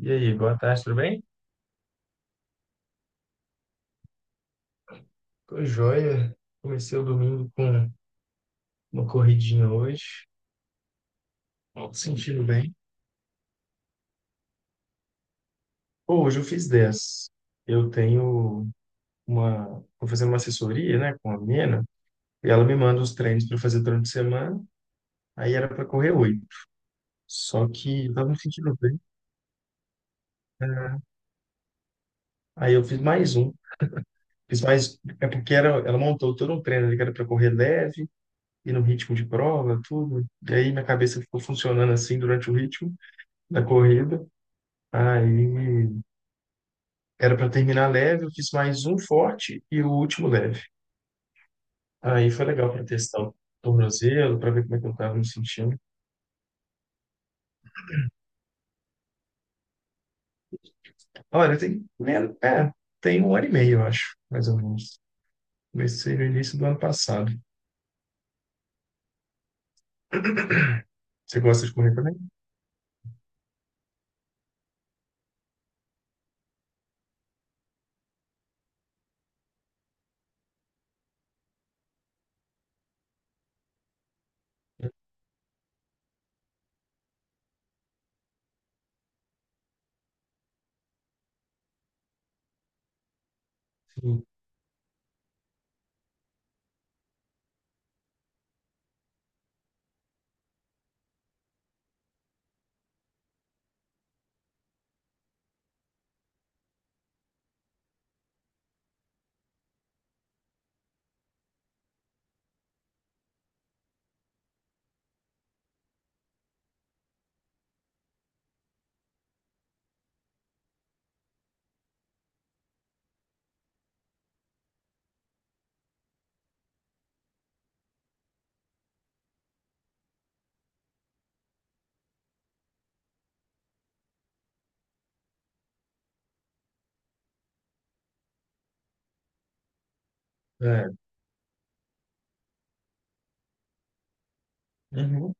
E aí, boa tarde, tudo bem? Tô joia. Comecei o domingo com uma corridinha hoje. Tô sentindo bem. Pô, hoje eu fiz 10. Eu tenho uma. Tô fazendo uma assessoria, né, com a menina, e ela me manda os treinos para fazer durante a semana. Aí era para correr 8. Só que eu tava me sentindo bem, né? Aí eu fiz mais um. Fiz mais. É porque era, ela montou todo um treino ali que era para correr leve, e no ritmo de prova, tudo. E aí minha cabeça ficou funcionando assim durante o ritmo da corrida. Aí era para terminar leve, eu fiz mais um forte e o último leve. Aí foi legal para testar o tornozelo, para ver como é que eu estava me sentindo. Olha, tem, né, é, tem um ano e meio, eu acho, mais ou menos. Comecei no início do ano passado. Você gosta de correr também? Sim. É. Uhum.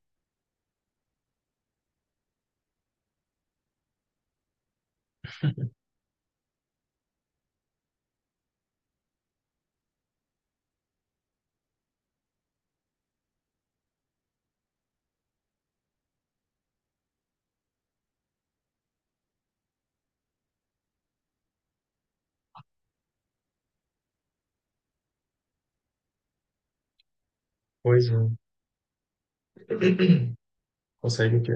Pois é. Consegue o quê?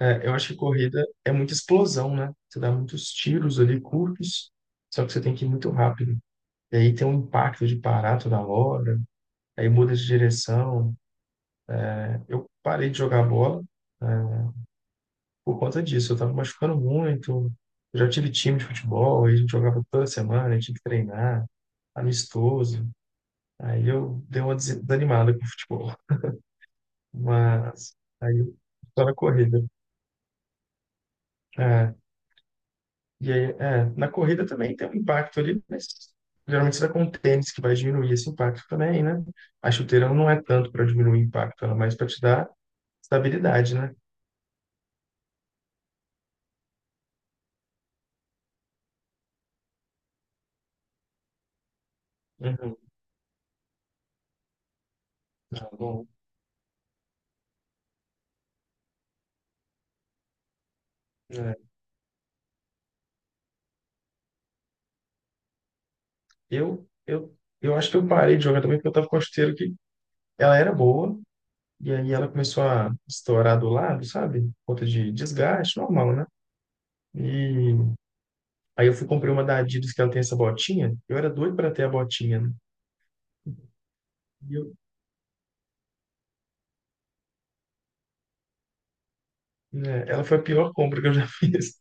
É, eu acho que corrida é muita explosão, né? Você dá muitos tiros ali curtos, só que você tem que ir muito rápido. E aí tem um impacto de parar toda hora. Aí muda de direção. Eu parei de jogar bola, né, por conta disso. Eu estava machucando muito. Eu já tive time de futebol, aí a gente jogava toda semana, a gente tinha que treinar, amistoso. Aí eu dei uma desanimada com o futebol. Mas aí eu só na corrida. É, e aí, na corrida também tem um impacto ali, mas geralmente você tá com um tênis que vai diminuir esse impacto também, né? A chuteira não é tanto para diminuir o impacto, ela é mais para te dar estabilidade, né? Uhum. Tá bom. É. Eu acho que eu parei de jogar também porque eu tava com a chuteira que ela era boa e aí ela começou a estourar do lado, sabe? Por conta de desgaste, normal, né? E aí eu fui comprei uma da Adidas que ela tem essa botinha. Eu era doido para ter a botinha, né? E eu, né, ela foi a pior compra que eu já fiz.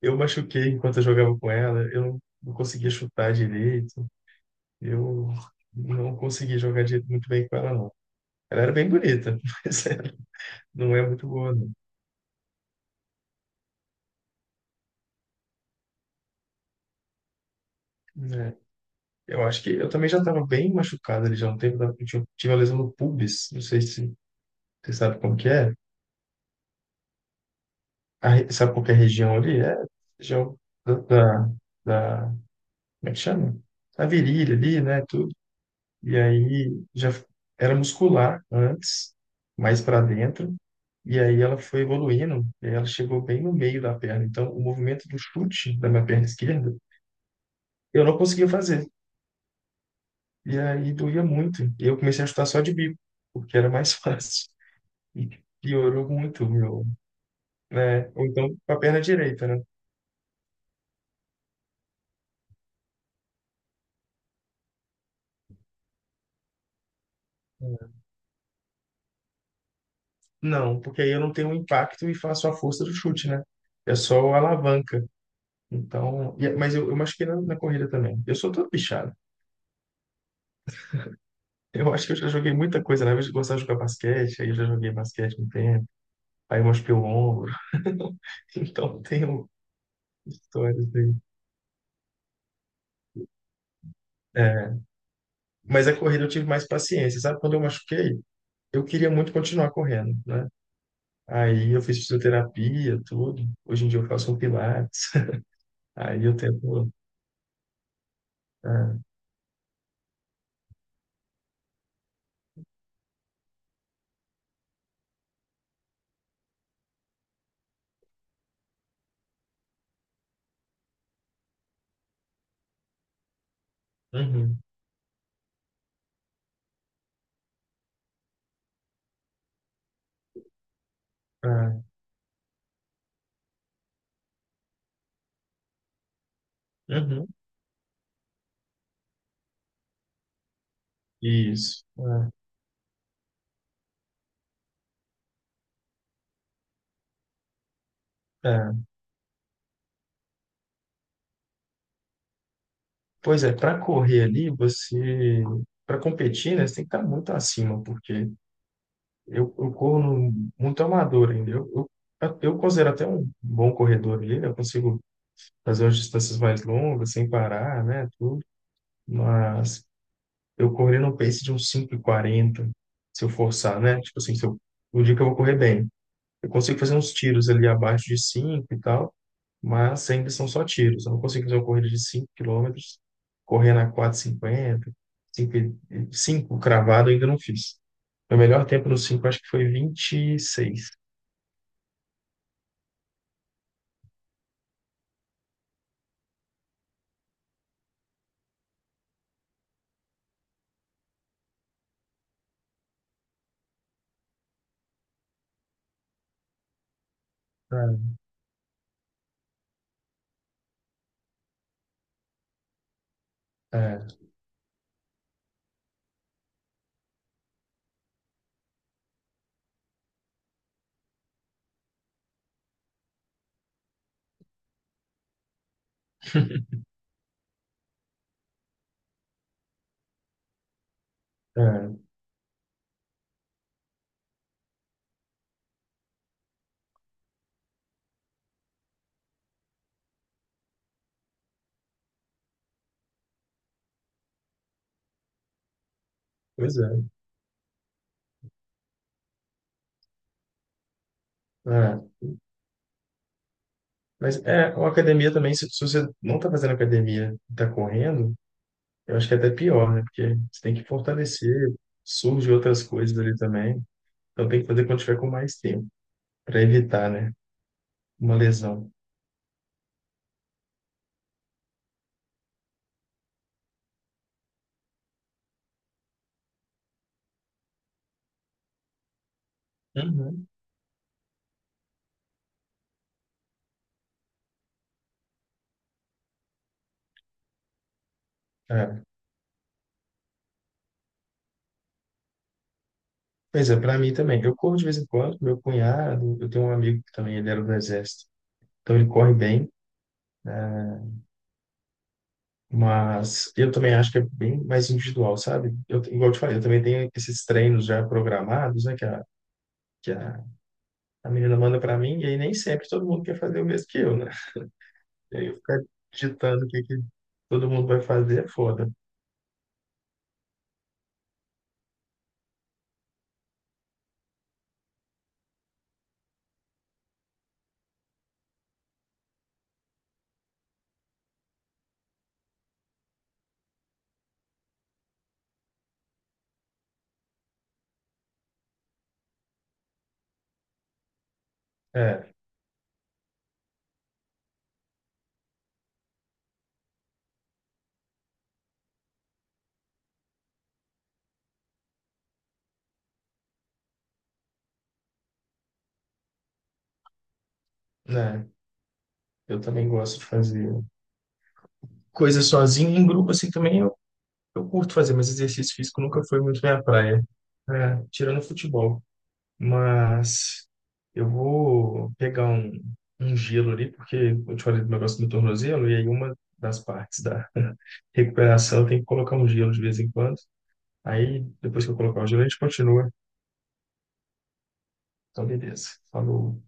Eu machuquei enquanto eu jogava com ela, eu não conseguia chutar direito, eu não conseguia jogar muito bem com ela, não. Ela era bem bonita, mas ela não é muito boa, não. É. Eu acho que eu também já estava bem machucado ali já há um tempo, eu tive uma lesão no pubis, não sei se você sabe como que é. Sabe qual que é a região ali? É a região da, da, da como é que chama? A virilha ali, né, tudo. E aí era muscular antes, mais para dentro, e aí ela foi evoluindo, e ela chegou bem no meio da perna. Então, o movimento do chute da minha perna esquerda, eu não conseguia fazer. E aí doía muito. E eu comecei a chutar só de bico, porque era mais fácil. E piorou muito, meu. Né? Ou então com a perna direita, né? Não, porque aí eu não tenho impacto e faço a força do chute, né? É só a alavanca. Então, mas eu machuquei na corrida também. Eu sou todo bichado. Eu acho que eu já joguei muita coisa, né? Eu gostava de jogar basquete, aí eu já joguei basquete um tempo, aí eu machuquei o ombro. Então, tenho histórias aí. É, mas a corrida eu tive mais paciência, sabe? Quando eu machuquei, eu queria muito continuar correndo, né? Aí eu fiz fisioterapia, tudo. Hoje em dia eu faço um pilates. Aí eu tento. Ah, uhum, ah, uhum, isso. Ah, tá. Pois é, para correr ali, você. Para competir, né, você tem que estar muito acima, porque eu corro muito amador ainda. Eu considero até um bom corredor ali, né? Eu consigo fazer umas distâncias mais longas, sem parar, né? Tudo. Mas eu corri no pace de uns cinco e quarenta se eu forçar, né? Tipo assim, se eu, o dia que eu vou correr bem. Eu consigo fazer uns tiros ali abaixo de 5 e tal, mas ainda são só tiros. Eu não consigo fazer uma corrida de 5 km, correndo a 4:50, 5, 5 cravado, eu ainda não fiz. Meu melhor tempo no 5 acho que foi 26. É, é, é, pois é. É. Mas é, uma academia também, se você não está fazendo academia e está correndo, eu acho que é até pior, né? Porque você tem que fortalecer, surge outras coisas ali também. Então tem que fazer quando tiver com mais tempo, para evitar, né? Uma lesão. Uhum. É. Pois é, para mim também. Eu corro de vez em quando, meu cunhado, eu tenho um amigo que também ele era do exército. Então ele corre bem, mas eu também acho que é bem mais individual, sabe? Eu, igual eu te falei, eu também tenho esses treinos já programados, né, que a menina manda para mim, e aí nem sempre todo mundo quer fazer o mesmo que eu, né? E aí eu ficar digitando o que todo mundo vai fazer é foda. É, né? Eu também gosto de fazer coisas sozinho, em grupo assim também. Eu curto fazer, mas exercício físico nunca foi muito minha praia. É, tirando futebol. Mas eu vou pegar um gelo ali, porque eu te falei do negócio do tornozelo, e aí uma das partes da recuperação tem que colocar um gelo de vez em quando. Aí, depois que eu colocar o gelo, a gente continua. Então, beleza. Falou.